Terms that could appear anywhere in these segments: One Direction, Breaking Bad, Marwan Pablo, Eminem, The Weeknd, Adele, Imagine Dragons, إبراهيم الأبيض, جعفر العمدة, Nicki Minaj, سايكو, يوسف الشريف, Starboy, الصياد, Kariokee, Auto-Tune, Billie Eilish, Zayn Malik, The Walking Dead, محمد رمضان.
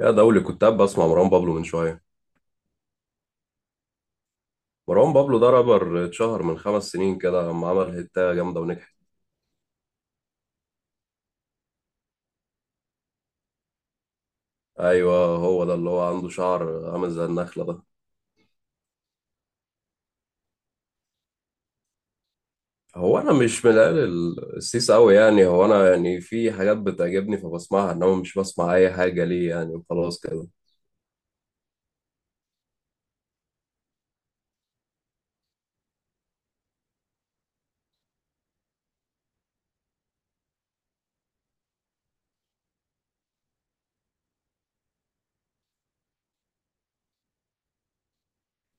يا ده أول كنت قاعد بسمع مروان بابلو من شوية. مروان بابلو ده رابر اتشهر من 5 سنين كده لما عمل هيتة جامدة ونجحت. أيوة، هو ده اللي هو عنده شعر عامل زي النخلة ده. هو أنا مش من العيال السيس أوي، يعني هو أنا يعني في حاجات بتعجبني فبسمعها، إنما مش بسمع أي حاجة ليه يعني وخلاص كده.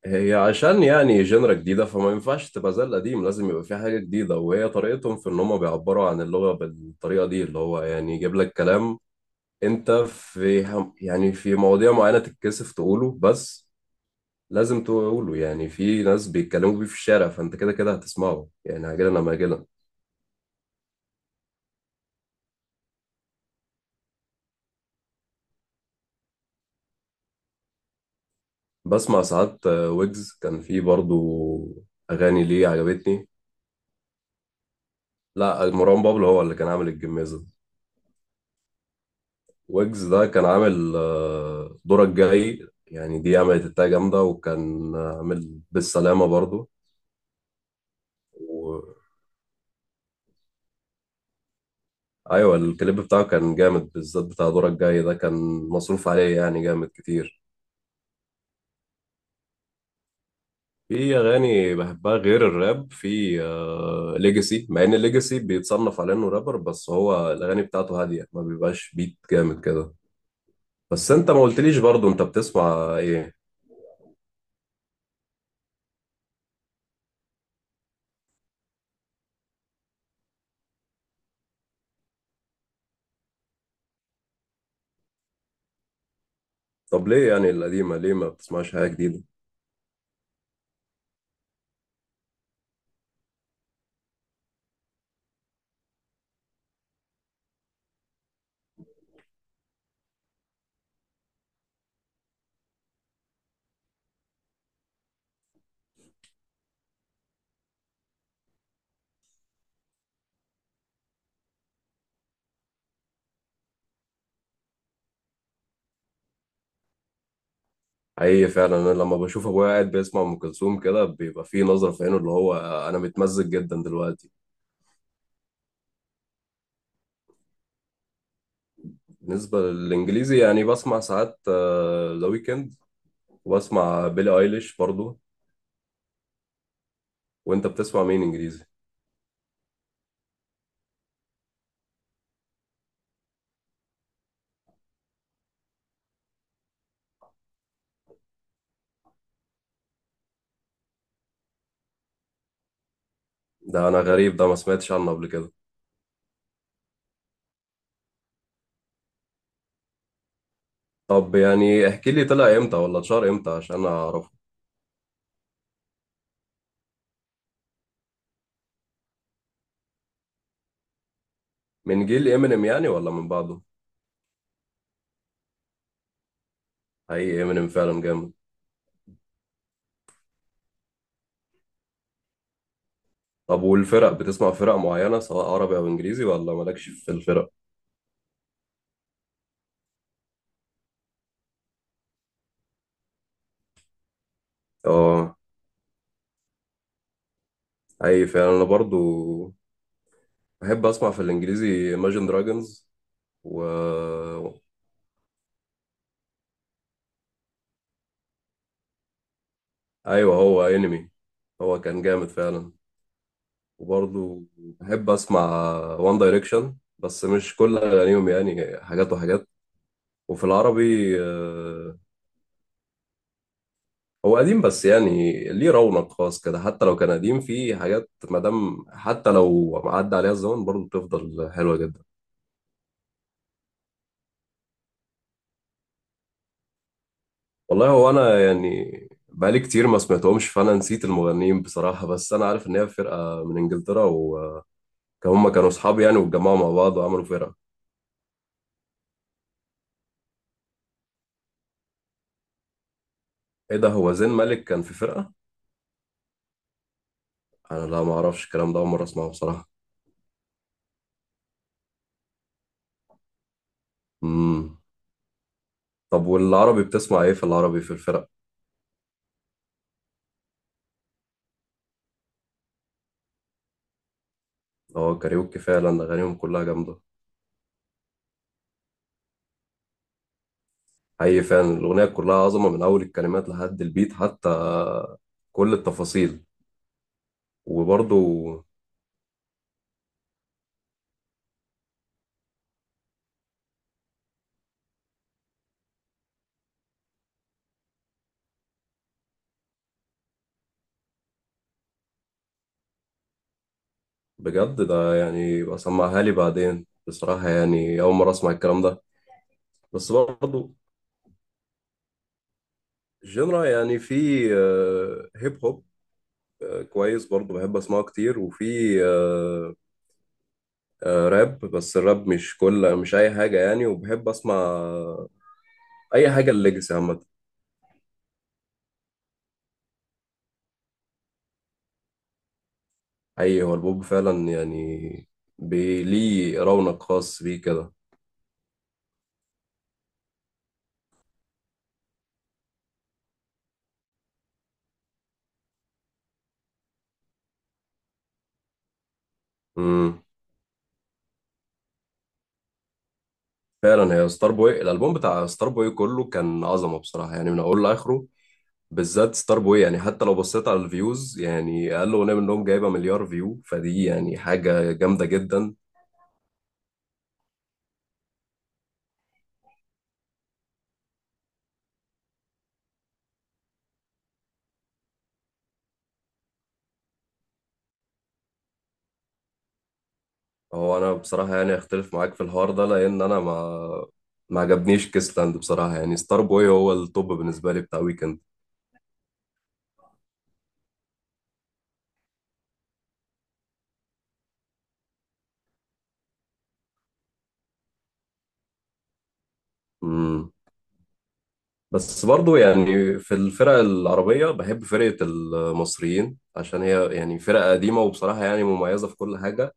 هي عشان يعني جنرا جديدة، فما ينفعش تبقى زي القديم، لازم يبقى في حاجة جديدة، وهي طريقتهم في إن هما بيعبروا عن اللغة بالطريقة دي اللي هو يعني يجيب لك كلام انت في يعني في مواضيع معينة تتكسف تقوله، بس لازم تقوله، يعني في ناس بيتكلموا بيه في الشارع، فانت كده كده هتسمعه يعني عاجلا لما عاجلا. بسمع ساعات ويجز كان في برضو اغاني ليه عجبتني. لا، مروان بابلو هو اللي كان عامل الجميزة. ويجز ده كان عامل دورك جاي، يعني دي عملت التاج جامدة، وكان عامل بالسلامة برضو. و... ايوه الكليب بتاعه كان جامد، بالذات بتاع دورك جاي ده، كان مصروف عليه يعني جامد كتير. في اغاني بحبها غير الراب، في آه ليجاسي، مع ان ليجاسي بيتصنف على انه رابر، بس هو الاغاني بتاعته هاديه، ما بيبقاش بيت جامد كده. بس انت ما قلتليش برضو انت بتسمع ايه؟ طب ليه يعني القديمه، ليه ما بتسمعش حاجه جديده؟ حقيقي فعلا انا لما بشوف ابويا قاعد بيسمع ام كلثوم كده، بيبقى في نظره في عينه اللي هو انا متمزج جدا دلوقتي. بالنسبه للانجليزي يعني بسمع ساعات ذا ويكند، وبسمع بيلي ايليش برضو. وانت بتسمع مين انجليزي؟ ده انا غريب ده، ما سمعتش عنه قبل كده. طب يعني احكي لي طلع امتى ولا اتشهر امتى عشان اعرفه. من جيل امينيم يعني ولا من بعده؟ حقيقي امينيم فعلا جامد. طب والفرق، بتسمع فرق معينة سواء عربي او انجليزي، ولا مالكش في الفرق؟ اه، اي فعلا انا برضو بحب اسمع في الانجليزي Imagine Dragons و ايوه، هو انمي، هو كان جامد فعلا. وبرضو بحب اسمع وان دايركشن، بس مش كل اغانيهم يعني، حاجات وحاجات. وفي العربي هو قديم، بس يعني ليه رونق خاص كده. حتى لو كان قديم، فيه حاجات، مادام حتى لو عدى عليها الزمن برضه بتفضل حلوة جدا. والله هو أنا يعني بقالي كتير ما سمعتهمش، فأنا نسيت المغنيين بصراحة بس أنا عارف إن هي فرقة من إنجلترا، وهم كانوا أصحاب يعني، واتجمعوا مع بعض وعملوا فرقة. إيه ده، هو زين مالك كان في فرقة؟ أنا لا، ما أعرفش الكلام ده، أول مرة أسمعه بصراحة. مم. طب والعربي بتسمع إيه في العربي، في الفرق؟ هو كاريوكي فعلا أغانيهم كلها جامدة. حقيقي فعلا الأغنية كلها عظمة، من أول الكلمات لحد البيت، حتى كل التفاصيل. وبرضه بجد ده يعني بسمعها لي بعدين بصراحة، يعني أول مرة أسمع الكلام ده. بس برضه جنرا يعني في هيب هوب كويس برضه بحب أسمعه كتير، وفي آه، راب، بس الراب مش أي حاجة يعني. وبحب أسمع أي حاجة الليجاسي عامة. أي، هو البوب فعلا يعني ليه رونق خاص بيه كده. مم. فعلا هي ستار بوي، الالبوم بتاع ستار بوي كله كان عظمه بصراحه، يعني من اوله لاخره. بالذات ستار بوي يعني، حتى لو بصيت على الفيوز، يعني اقل اغنيه منهم جايبه مليار فيو، فدي يعني حاجه جامده جدا. هو انا بصراحه يعني اختلف معاك في الحوار ده، لان انا ما عجبنيش كيسلاند بصراحه، يعني ستار بوي هو التوب بالنسبه لي بتاع ويكند. امم، بس برضو يعني في الفرق العربيه بحب فرقه المصريين، عشان هي يعني فرقه قديمه، وبصراحه يعني مميزه في كل حاجه.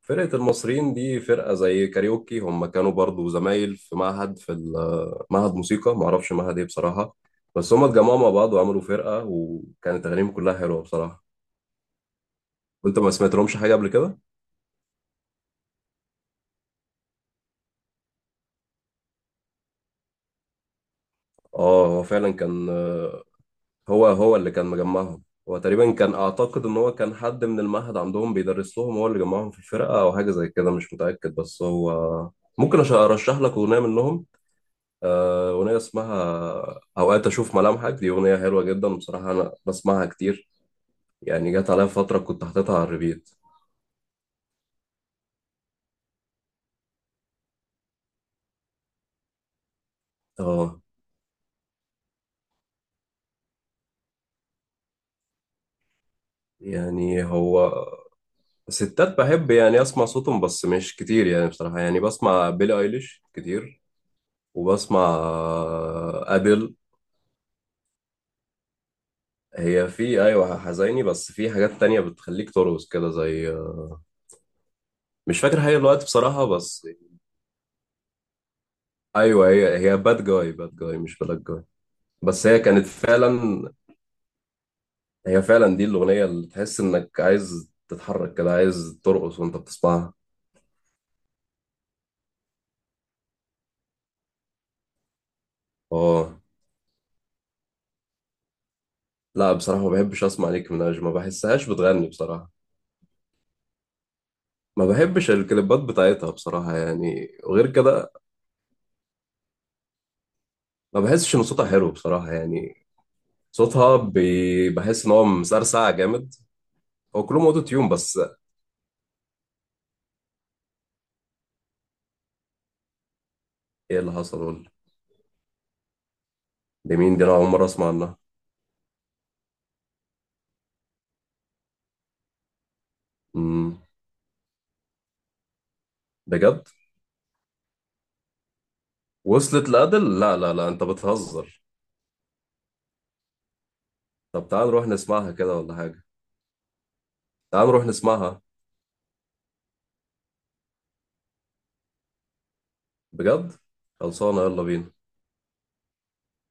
فرقة المصريين دي فرقة زي كاريوكي، هم كانوا برضو زمايل في معهد، في معهد موسيقى، معرفش معهد ايه بصراحة، بس هم اتجمعوا مع بعض وعملوا فرقة، وكانت أغانيهم كلها حلوة بصراحة. وانت ما سمعت لهمش حاجة قبل كده؟ اه، هو فعلا كان، هو هو اللي كان مجمعهم. هو تقريبا كان، أعتقد إن هو كان حد من المعهد عندهم بيدرس لهم، هو اللي جمعهم في الفرقة أو حاجة زي كده، مش متأكد. بس هو ممكن أرشح لك أغنية منهم. أغنية اسمها أوقات أشوف ملامحك، دي أغنية حلوة جدا بصراحة، أنا بسمعها كتير، يعني جت عليا فترة كنت حاططها على الريبيت. اه، يعني هو ستات بحب يعني أسمع صوتهم، بس مش كتير يعني بصراحة، يعني بسمع بيلي أيليش كتير، وبسمع أديل. هي في أيوة حزيني، بس في حاجات تانية بتخليك ترقص كده، زي مش فاكر هي الوقت بصراحة. بس أيوة، هي باد جاي، باد جاي مش بلاك جاي. بس هي كانت فعلا، هي فعلا دي الأغنية اللي تحس إنك عايز تتحرك كده، عايز ترقص وأنت بتسمعها. آه، لا بصراحة ما بحبش أسمع نيكي ميناج، ما بحسهاش بتغني بصراحة. ما بحبش الكليبات بتاعتها بصراحة يعني، وغير كده ما بحسش إن صوتها حلو بصراحة يعني، صوتها بحس إن هو مسرسع جامد. هو كلهم أوتو تيون بس. إيه اللي حصل، قول. دي مين دي، أنا أول مرة أسمع عنها. أمم، بجد؟ وصلت لأدل؟ لا لا لا، أنت بتهزر. طب تعال نروح نسمعها كده ولا حاجة. تعال نروح نسمعها بجد. خلصانه، يلا بينا.